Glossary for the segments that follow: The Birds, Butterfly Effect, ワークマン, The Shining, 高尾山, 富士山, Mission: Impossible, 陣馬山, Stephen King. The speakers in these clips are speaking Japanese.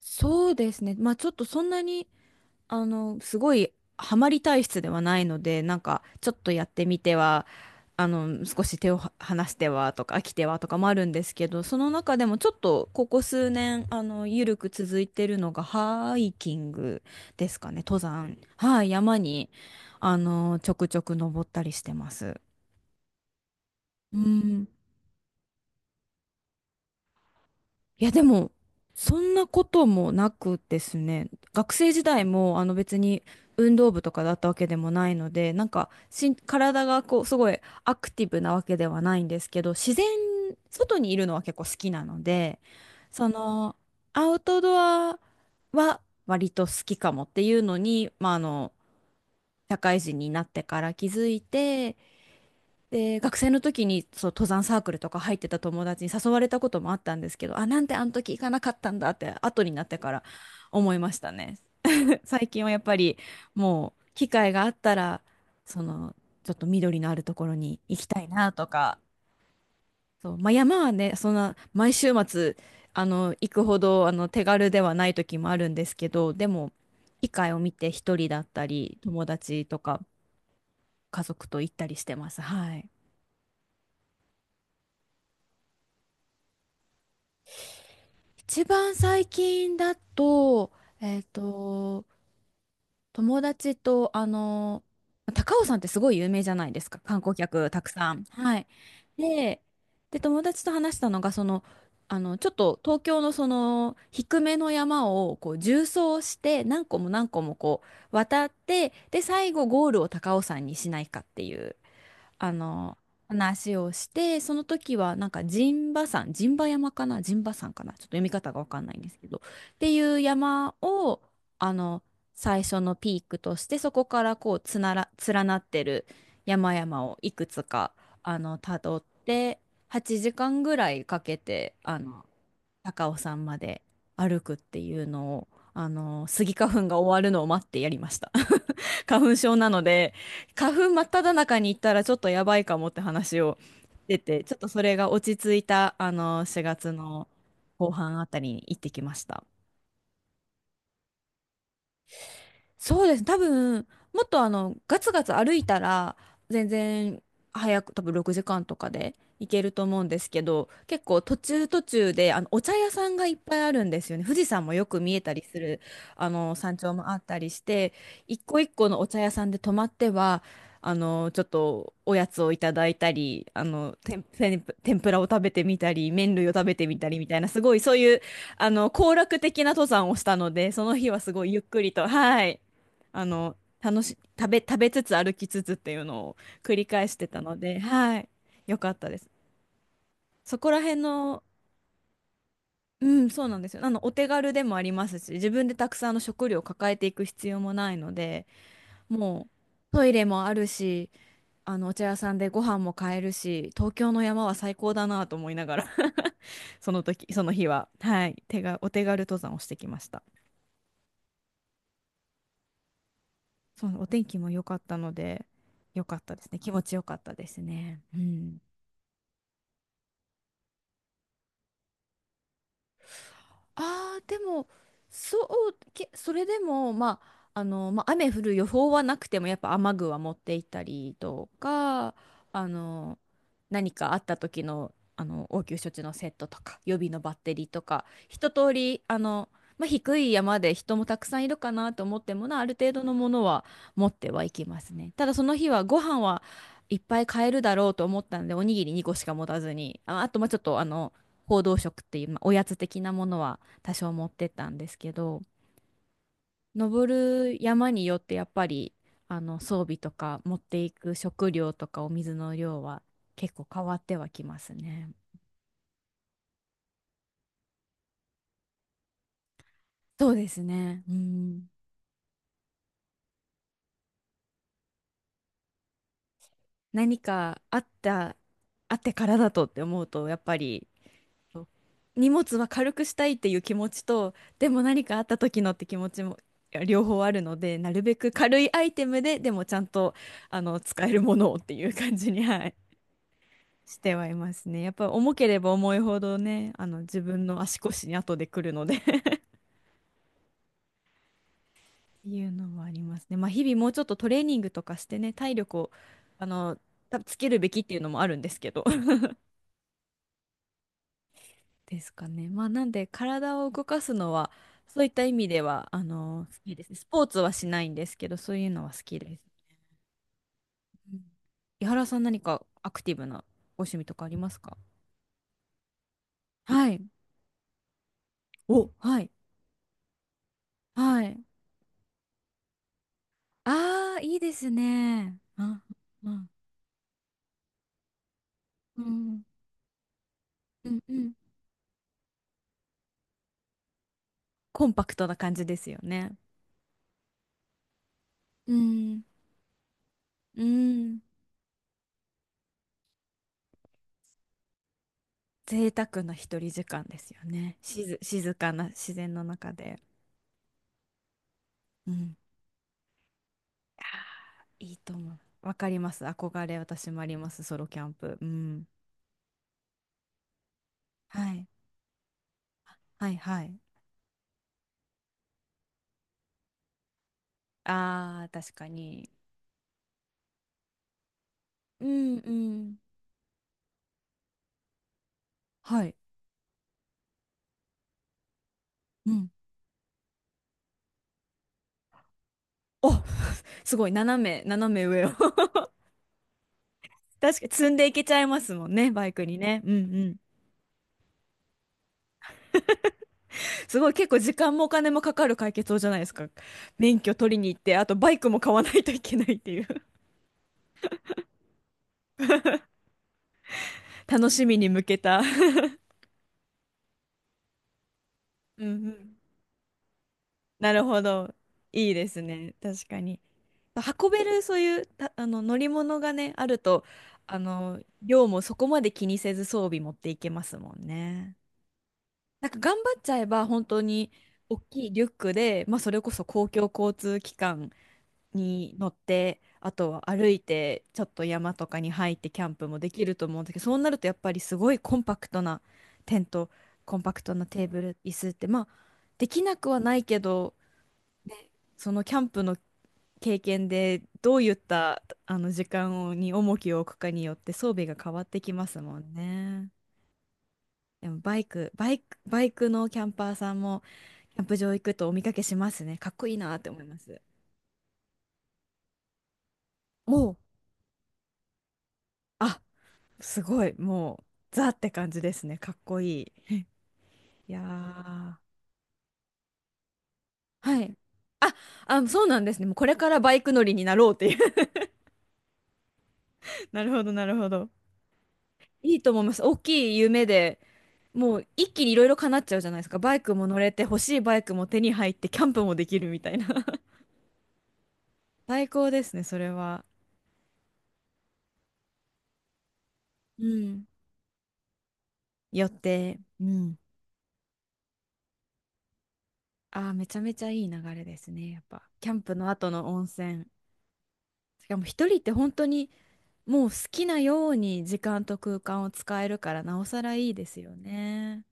そうですね。まあちょっとそんなに、すごいハマり体質ではないので、なんかちょっとやってみては、少し手をは離してはとか飽きてはとかもあるんですけど、その中でもちょっとここ数年、緩く続いてるのがハイキングですかね、登山。はい、山に、ちょくちょく登ったりしてます。うん。いや、でも、そんなこともなくですね、学生時代も、あの別に運動部とかだったわけでもないので、なんかしん、体がこう、すごいアクティブなわけではないんですけど、自然、外にいるのは結構好きなので、その、アウトドアは割と好きかもっていうのに、まあ、社会人になってから気づいて、で、学生の時にそう登山サークルとか入ってた友達に誘われたこともあったんですけど、あ、なんであの時行かなかったんだって後になってから思いましたね。最近はやっぱりもう機会があったら、そのちょっと緑のあるところに行きたいなとか、そう、まあ、山はね、そんな毎週末あの行くほどあの手軽ではない時もあるんですけど、でも機会を見て一人だったり友達とか家族と行ったりしてます。はい。一番最近だと、えっと、友達と、高尾山ってすごい有名じゃないですか、観光客たくさん。はい。で、で、友達と話したのが、その、ちょっと東京のその、低めの山を、こう、縦走して、何個も何個も渡って、で、最後ゴールを高尾山にしないかっていう。あの、話をして、その時はなんか陣馬山、陣馬山かな、陣馬山かな、ちょっと読み方がわかんないんですけど、っていう山を、あの、最初のピークとして、そこからこう、つなら、連なってる山々をいくつか、たどって、8時間ぐらいかけて、高尾山まで歩くっていうのを、スギ花粉が終わるのを待ってやりました。花粉症なので、花粉真っ只中に行ったらちょっとやばいかもって話をしてて、ちょっとそれが落ち着いた、4月の後半あたりに行ってきました。そうです。多分、もっとガツガツ歩いたら、全然早く、多分6時間とかで行けると思うんですけど、結構途中途中で、お茶屋さんがいっぱいあるんですよね。富士山もよく見えたりする、山頂もあったりして、一個一個のお茶屋さんで泊まっては、ちょっとおやつをいただいたり、天ぷらを食べてみたり、麺類を食べてみたりみたいな、すごいそういう、行楽的な登山をしたので、その日はすごいゆっくりと、はい。楽し、食べ、食べつつ歩きつつっていうのを繰り返してたので、はい、よかったです。そこら辺の、うん、そうなんですよ。お手軽でもありますし、自分でたくさんの食料を抱えていく必要もないので、もうトイレもあるし、お茶屋さんでご飯も買えるし、東京の山は最高だなと思いながら その時、その日は、はい、お手軽登山をしてきました。そう、お天気も良かったので、良かったですね。気持ちよかったですね。うん。ああ、でも、それでも、まあ、雨降る予報はなくても、やっぱ雨具は持って行ったりとか、あの、何かあった時の、応急処置のセットとか、予備のバッテリーとか、一通り、まあ、低い山で人もたくさんいるかなと思ってもな、ある程度のものは持ってはいきますね。ただその日はご飯はいっぱい買えるだろうと思ったので、おにぎり2個しか持たずに、あ、あと、まあ、ちょっと、報道食っていう、まあ、おやつ的なものは多少持ってったんですけど登る山によってやっぱりあの装備とか持っていく食料とかお水の量は結構変わってはきますね。そうですね。うん。何かあったあってからだとって思うとやっぱりそう荷物は軽くしたいっていう気持ちとでも何かあった時のって気持ちもいや両方あるのでなるべく軽いアイテムででもちゃんとあの使えるものをっていう感じに、はいしてはいますね。やっぱ重ければ重いほどね、あの自分の足腰に後で来るので っていうのもありますね。まあ日々もうちょっとトレーニングとかしてね、体力をあのたつけるべきっていうのもあるんですけど ですかね。まあなんで体を動かすのはそういった意味ではあの好きですね。スポーツはしないんですけど、そういうのは好きです。うん、井原さん何かアクティブなご趣味とかありますか？はい。お、はい。はい。ああ、いいですね。あ、うん、うん、うん、うん、コンパクトな感じですよね。うん、うん、贅沢な一人時間ですよね。静かな自然の中で。うん、いいと思う。わかります。憧れ、私もあります。ソロキャンプ。うん。はい。はい、はい。あー、確かに。うん、うん。はい。うん。お、すごい。斜め上を 確かに積んでいけちゃいますもんね、バイクにね。うん、うん。すごい結構時間もお金もかかる解決法じゃないですか。免許取りに行って、あとバイクも買わないといけないっていう 楽しみに向けた うんうん。なるほど。いいですね。確かに。運べるそういうたあの乗り物がね、あると、量もそこまで気にせず装備持っていけますもんね。なんか頑張っちゃえば本当に大きいリュックで、まあそれこそ公共交通機関に乗って、あとは歩いて、ちょっと山とかに入ってキャンプもできると思うんだけど、そうなるとやっぱりすごいコンパクトなテント、コンパクトなテーブル、椅子って、まあ、できなくはないけど、そのキャンプの経験でどういったあの時間をに重きを置くかによって装備が変わってきますもんね。でもバイクのキャンパーさんもキャンプ場行くとお見かけしますね。かっこいいなって思います。もう。あ、すごい、もう、ザって感じですね。かっこいい。いやー、はい。あ、あ、そうなんですね。もうこれからバイク乗りになろうっていう なるほど、なるほど。いいと思います。大きい夢で、もう一気にいろいろ叶っちゃうじゃないですか。バイクも乗れて、欲しいバイクも手に入って、キャンプもできるみたいな。最高ですね、それは。うん。よって、うん。ああ、めちゃめちゃいい流れですね、やっぱ。キャンプの後の温泉。しかも一人って本当に、もう好きなように時間と空間を使えるからなおさらいいですよね。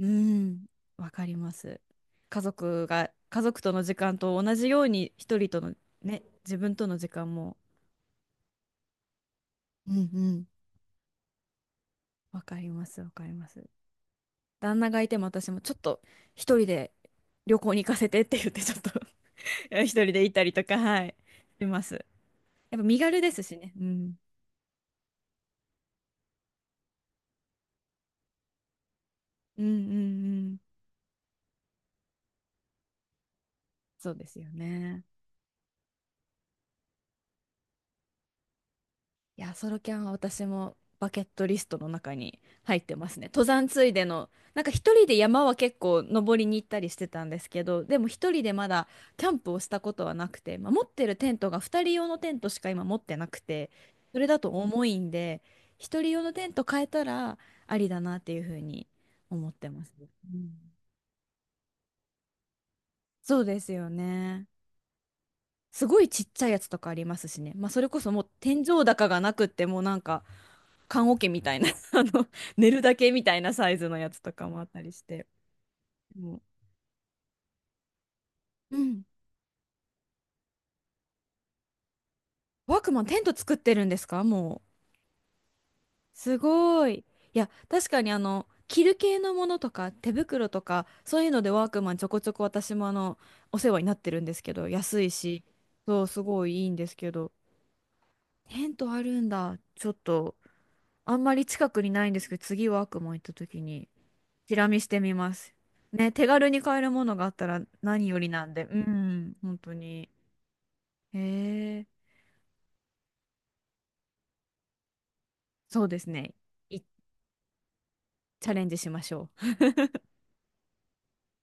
うん、わかります。家族が家族との時間と同じように一人とのね、自分との時間も。うんうん。わかります、わかります。旦那がいても私もちょっと一人で旅行に行かせてって言ってちょっと 一人で行ったりとか、はい、します。やっぱ身軽ですしね。うん。うんうんうん。そうですよね。いや、ソロキャンは私もバケットリストの中に入ってますね。登山ついでの、なんか一人で山は結構登りに行ったりしてたんですけど、でも一人でまだキャンプをしたことはなくて、まあ、持ってるテントが二人用のテントしか今持ってなくて、それだと重いんで、一人用のテント変えたらありだなっていうふうに思ってます。うん、そうですよね。すごいちっちゃいやつとかありますしね。まあそれこそもう天井高がなくってもうなんか棺桶みたいな 寝るだけみたいなサイズのやつとかもあったりして。もう、うん。ワークマンテント作ってるんですかもう。すごい。いや、確かに着る系のものとか手袋とかそういうのでワークマンちょこちょこ私もお世話になってるんですけど安いしそうすごいいいんですけどテントあるんだちょっとあんまり近くにないんですけど次ワークマン行った時にチラ見してみます。ね、手軽に買えるものがあったら何よりなんで、うん、本当に。へえ、そうですね。チャレンジしましょう。